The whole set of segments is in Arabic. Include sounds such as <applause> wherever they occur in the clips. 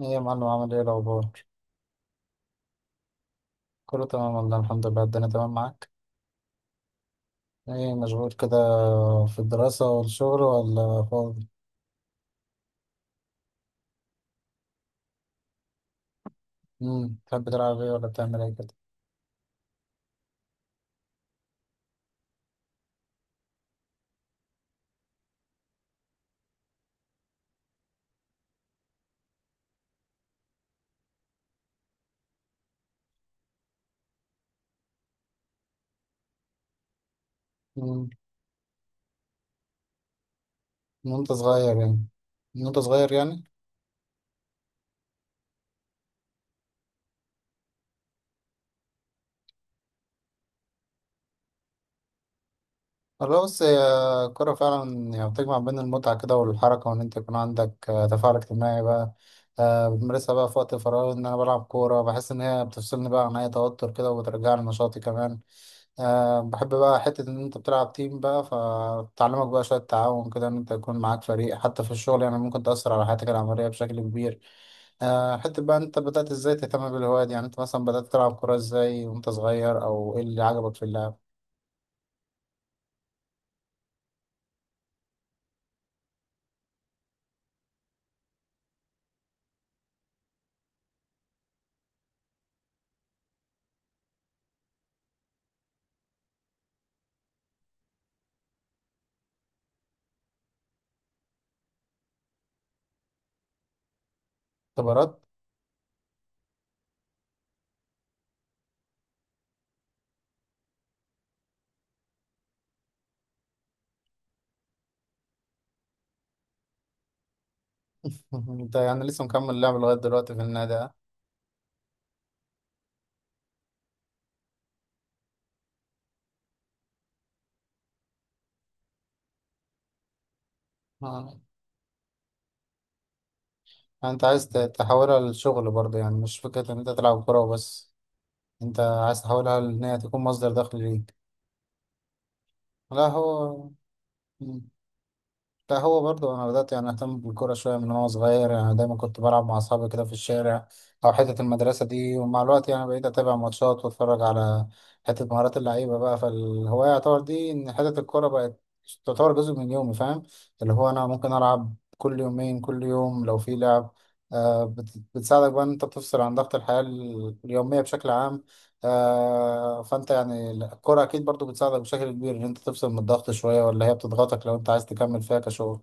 ايه يا معلم، عامل ايه الاخبار؟ كله تمام والله، الحمد لله الدنيا تمام معاك. ايه مشغول كده في الدراسة والشغل ولا فاضي؟ تحب تلعب ايه ولا بتعمل ايه كده؟ امم من وانت صغير يعني؟ من وانت صغير يعني والله بص، هي الكورة فعلا يعني بتجمع بين المتعة كده والحركة، وان انت يكون عندك تفاعل اجتماعي بقى. بتمارسها بقى في وقت الفراغ، ان انا بلعب كورة بحس ان هي بتفصلني بقى عن اي توتر كده، وبترجعني نشاطي كمان. بحب بقى حتة إن أنت بتلعب تيم بقى، فتعلمك بقى شوية تعاون كده، إن أنت يكون معاك فريق حتى في الشغل، يعني ممكن تأثر على حياتك العملية بشكل كبير. حتة بقى، أنت بدأت إزاي تهتم بالهواية دي؟ يعني أنت مثلا بدأت تلعب كورة إزاي وأنت صغير؟ أو إيه اللي عجبك في اللعب؟ اختبارات. <laughs> أنت يعني لسه مكمل لعب لغاية دلوقتي في النادي؟ آه. أنت عايز تحولها للشغل برضه؟ يعني مش فكرة إن أنت تلعب كورة وبس، أنت عايز تحولها إن هي تكون مصدر دخل ليك. لا، هو ده هو برضه، انا بدات يعني اهتم بالكوره شويه من وانا صغير، يعني دايما كنت بلعب مع اصحابي كده في الشارع او حته المدرسه دي، ومع الوقت يعني بقيت اتابع ماتشات واتفرج على حته مهارات اللعيبه بقى، فالهوايه يعتبر دي، ان حته الكوره بقت تعتبر جزء من يومي، فاهم؟ اللي هو انا ممكن العب كل يومين، كل يوم لو في لعب. بتساعدك بقى ان انت تفصل عن ضغط الحياه اليوميه بشكل عام. فانت يعني الكرة اكيد برضو بتساعدك بشكل كبير ان انت تفصل من الضغط شوية، ولا هي بتضغطك لو انت عايز تكمل فيها كشغل؟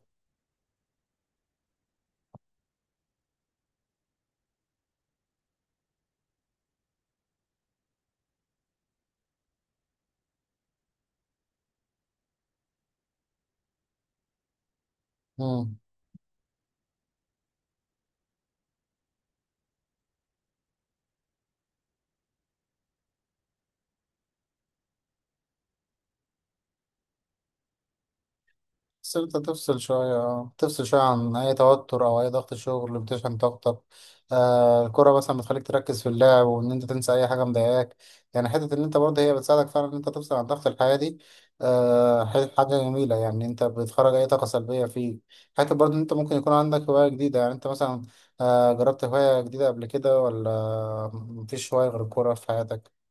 مم. بس انت تفصل شوية، اه، تفصل شوية عن أي توتر أو أي ضغط شغل، اللي بتشحن طاقتك. الكرة مثلا بتخليك تركز في اللعب، وإن أنت تنسى أي حاجة مضايقاك. يعني حتة إن أنت برضه هي بتساعدك فعلا إن أنت تفصل عن ضغط الحياة دي. حاجة جميلة، يعني أنت بتخرج أي طاقة سلبية فيه. حتى برضه إن أنت ممكن يكون عندك هواية جديدة، يعني أنت مثلا جربت هواية جديدة قبل كده، ولا مفيش هواية غير الكورة في حياتك؟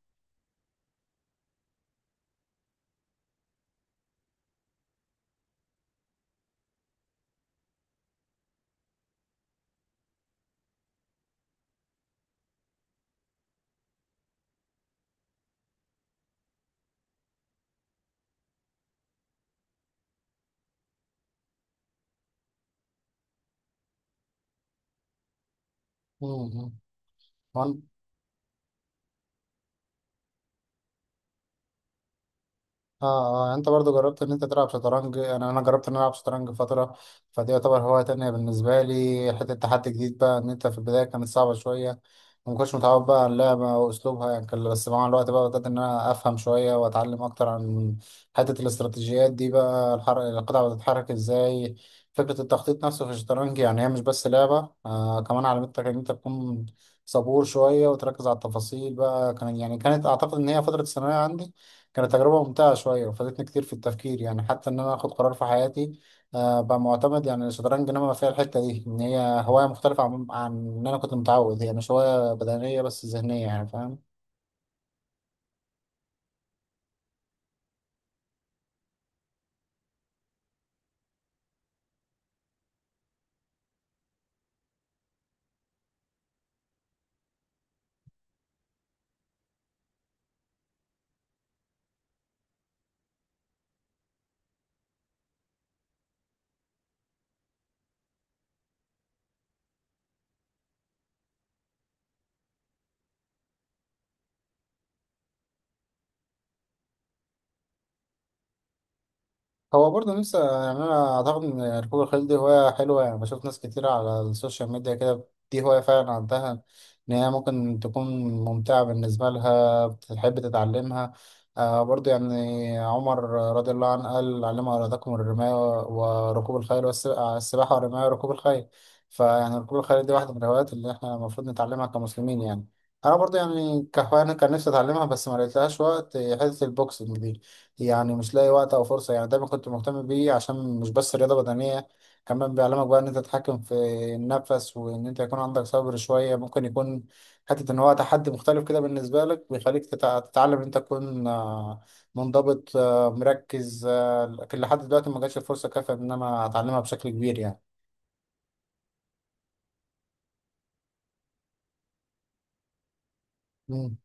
مم. اه، اه، يعني انت برضو جربت ان انت تلعب شطرنج؟ انا جربت ان انا العب شطرنج فتره، فدي يعتبر هوايه تانية بالنسبه لي، حته تحدي جديد بقى، ان انت في البدايه كانت صعبه شويه، وما كنتش متعود بقى على اللعبه واسلوبها، يعني بس مع الوقت بقى بدات ان انا افهم شويه، واتعلم اكتر عن حته الاستراتيجيات دي بقى. القطع بتتحرك ازاي، فكره التخطيط نفسه في الشطرنج، يعني هي مش بس لعبه، كمان علمتك ان انت تكون صبور شويه، وتركز على التفاصيل بقى. كان يعني كانت اعتقد ان هي فتره الثانويه عندي، كانت تجربة ممتعة شوية، وفادتني كتير في التفكير، يعني حتى إن أنا آخد قرار في حياتي بقى معتمد. يعني الشطرنج نما فيها الحتة دي، إن هي هواية مختلفة عن إن أنا كنت متعود، هي مش هواية بدنية بس ذهنية، يعني فاهم. هو برضه نفسي، يعني انا اعتقد ان ركوب الخيل دي هوايه حلوه، يعني بشوف ناس كتير على السوشيال ميديا كده، دي هوايه فعلا عندها ان هي ممكن تكون ممتعه بالنسبه لها، بتحب تتعلمها. برضه يعني عمر رضي الله عنه قال: علموا اولادكم الرمايه وركوب الخيل السباحه والرمايه وركوب الخيل. فيعني ركوب الخيل دي واحده من الهوايات اللي احنا المفروض نتعلمها كمسلمين، يعني انا برضه يعني كهوايه أنا كان نفسي اتعلمها، بس ما لقيتلهاش وقت. حته البوكسنج دي يعني مش لاقي وقت او فرصه، يعني دايما كنت مهتم بيه، عشان مش بس رياضه بدنيه، كمان بيعلمك بقى ان انت تتحكم في النفس، وان انت يكون عندك صبر شويه. ممكن يكون حته ان هو تحدي مختلف كده بالنسبه لك، بيخليك تتعلم ان انت تكون منضبط، مركز، لكن لحد دلوقتي ما جاتش الفرصه كافيه ان انا اتعلمها بشكل كبير يعني.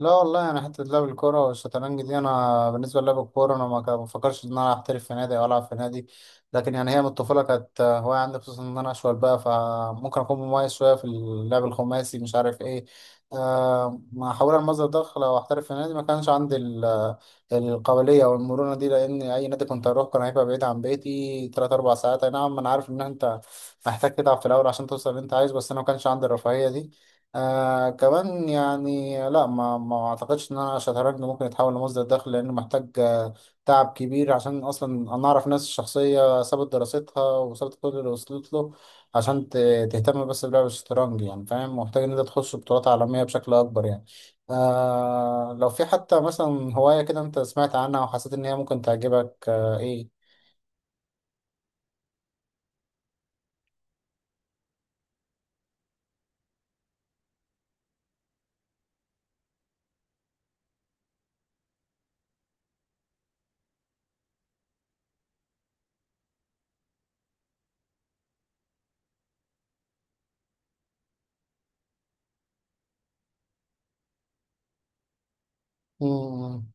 لا والله، انا حته لعب الكوره والشطرنج دي، انا بالنسبه للعب الكوره انا ما بفكرش ان انا احترف في نادي او العب في نادي، لكن يعني هي من الطفوله كانت هوايه عندي، خصوصا ان انا اشول بقى، فممكن اكون مميز شويه في اللعب الخماسي، مش عارف ايه. ما حاول المصدر دخل او احترف في نادي، ما كانش عندي القابليه او المرونه دي، لان اي نادي كنت اروح كان هيبقى بعيد عن بيتي 3 4 ساعات. اي نعم انا عارف ان انت محتاج تتعب في الاول عشان توصل اللي انت عايزه، بس انا ما كانش عندي الرفاهيه دي. كمان يعني لا ما اعتقدش ان انا شطرنج ممكن يتحول لمصدر دخل، لانه محتاج تعب كبير، عشان اصلا انا اعرف ناس شخصيه سابت دراستها وسابت كل اللي وصلت له عشان تهتم بس بلعب الشطرنج، يعني فاهم، محتاج ان انت تخش بطولات عالميه بشكل اكبر يعني. لو في حتى مثلا هوايه كده انت سمعت عنها، وحسيت ان هي ممكن تعجبك ايه؟ مم.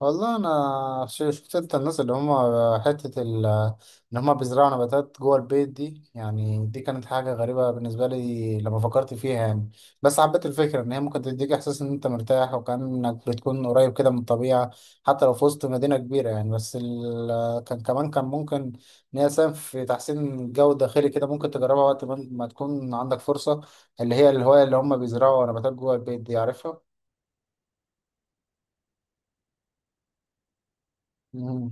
والله انا شفت انت الناس اللي هم حته ان هم بيزرعوا نباتات جوه البيت دي، يعني دي كانت حاجه غريبه بالنسبه لي لما فكرت فيها، يعني بس حبيت الفكره ان هي ممكن تديك احساس ان انت مرتاح، وكانك بتكون قريب كده من الطبيعه حتى لو في وسط مدينه كبيره، يعني بس كان كمان كان ممكن ان هي تساهم في تحسين الجو الداخلي كده، ممكن تجربها وقت ما تكون عندك فرصه، اللي هي الهوايه اللي هم بيزرعوا نباتات جوه البيت دي، عارفها؟ مم.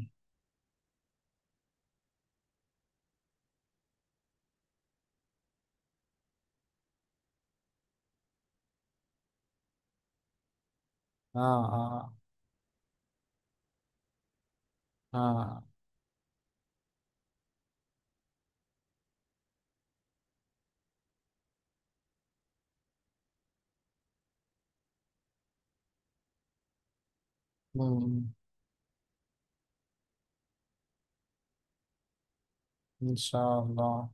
اه، اه، اه. مم. إن شاء الله.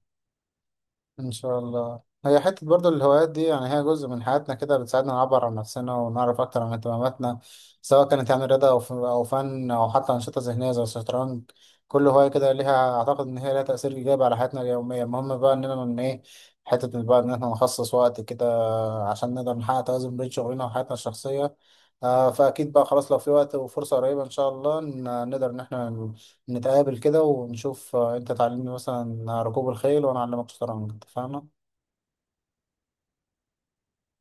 إن شاء الله. هي حتة برضو الهوايات دي يعني هي جزء من حياتنا كده، بتساعدنا نعبر عن نفسنا، ونعرف أكتر عن اهتماماتنا، سواء كانت يعني رياضة أو أو فن أو حتى أنشطة ذهنية زي الشطرنج. كل هواية كده ليها، أعتقد إن هي ليها تأثير إيجابي على حياتنا اليومية، المهم بقى إننا من إيه، حتة بقى إن إحنا نخصص وقت كده عشان نقدر نحقق توازن بين شغلنا وحياتنا الشخصية. فأكيد بقى خلاص، لو في وقت وفرصة قريبة إن شاء الله نقدر إن إحنا نتقابل كده، ونشوف أنت تعلمني مثلا ركوب الخيل، وأنا أعلمك شطرنج، اتفقنا؟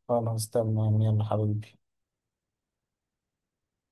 خلاص تمام، يلا حبيبي.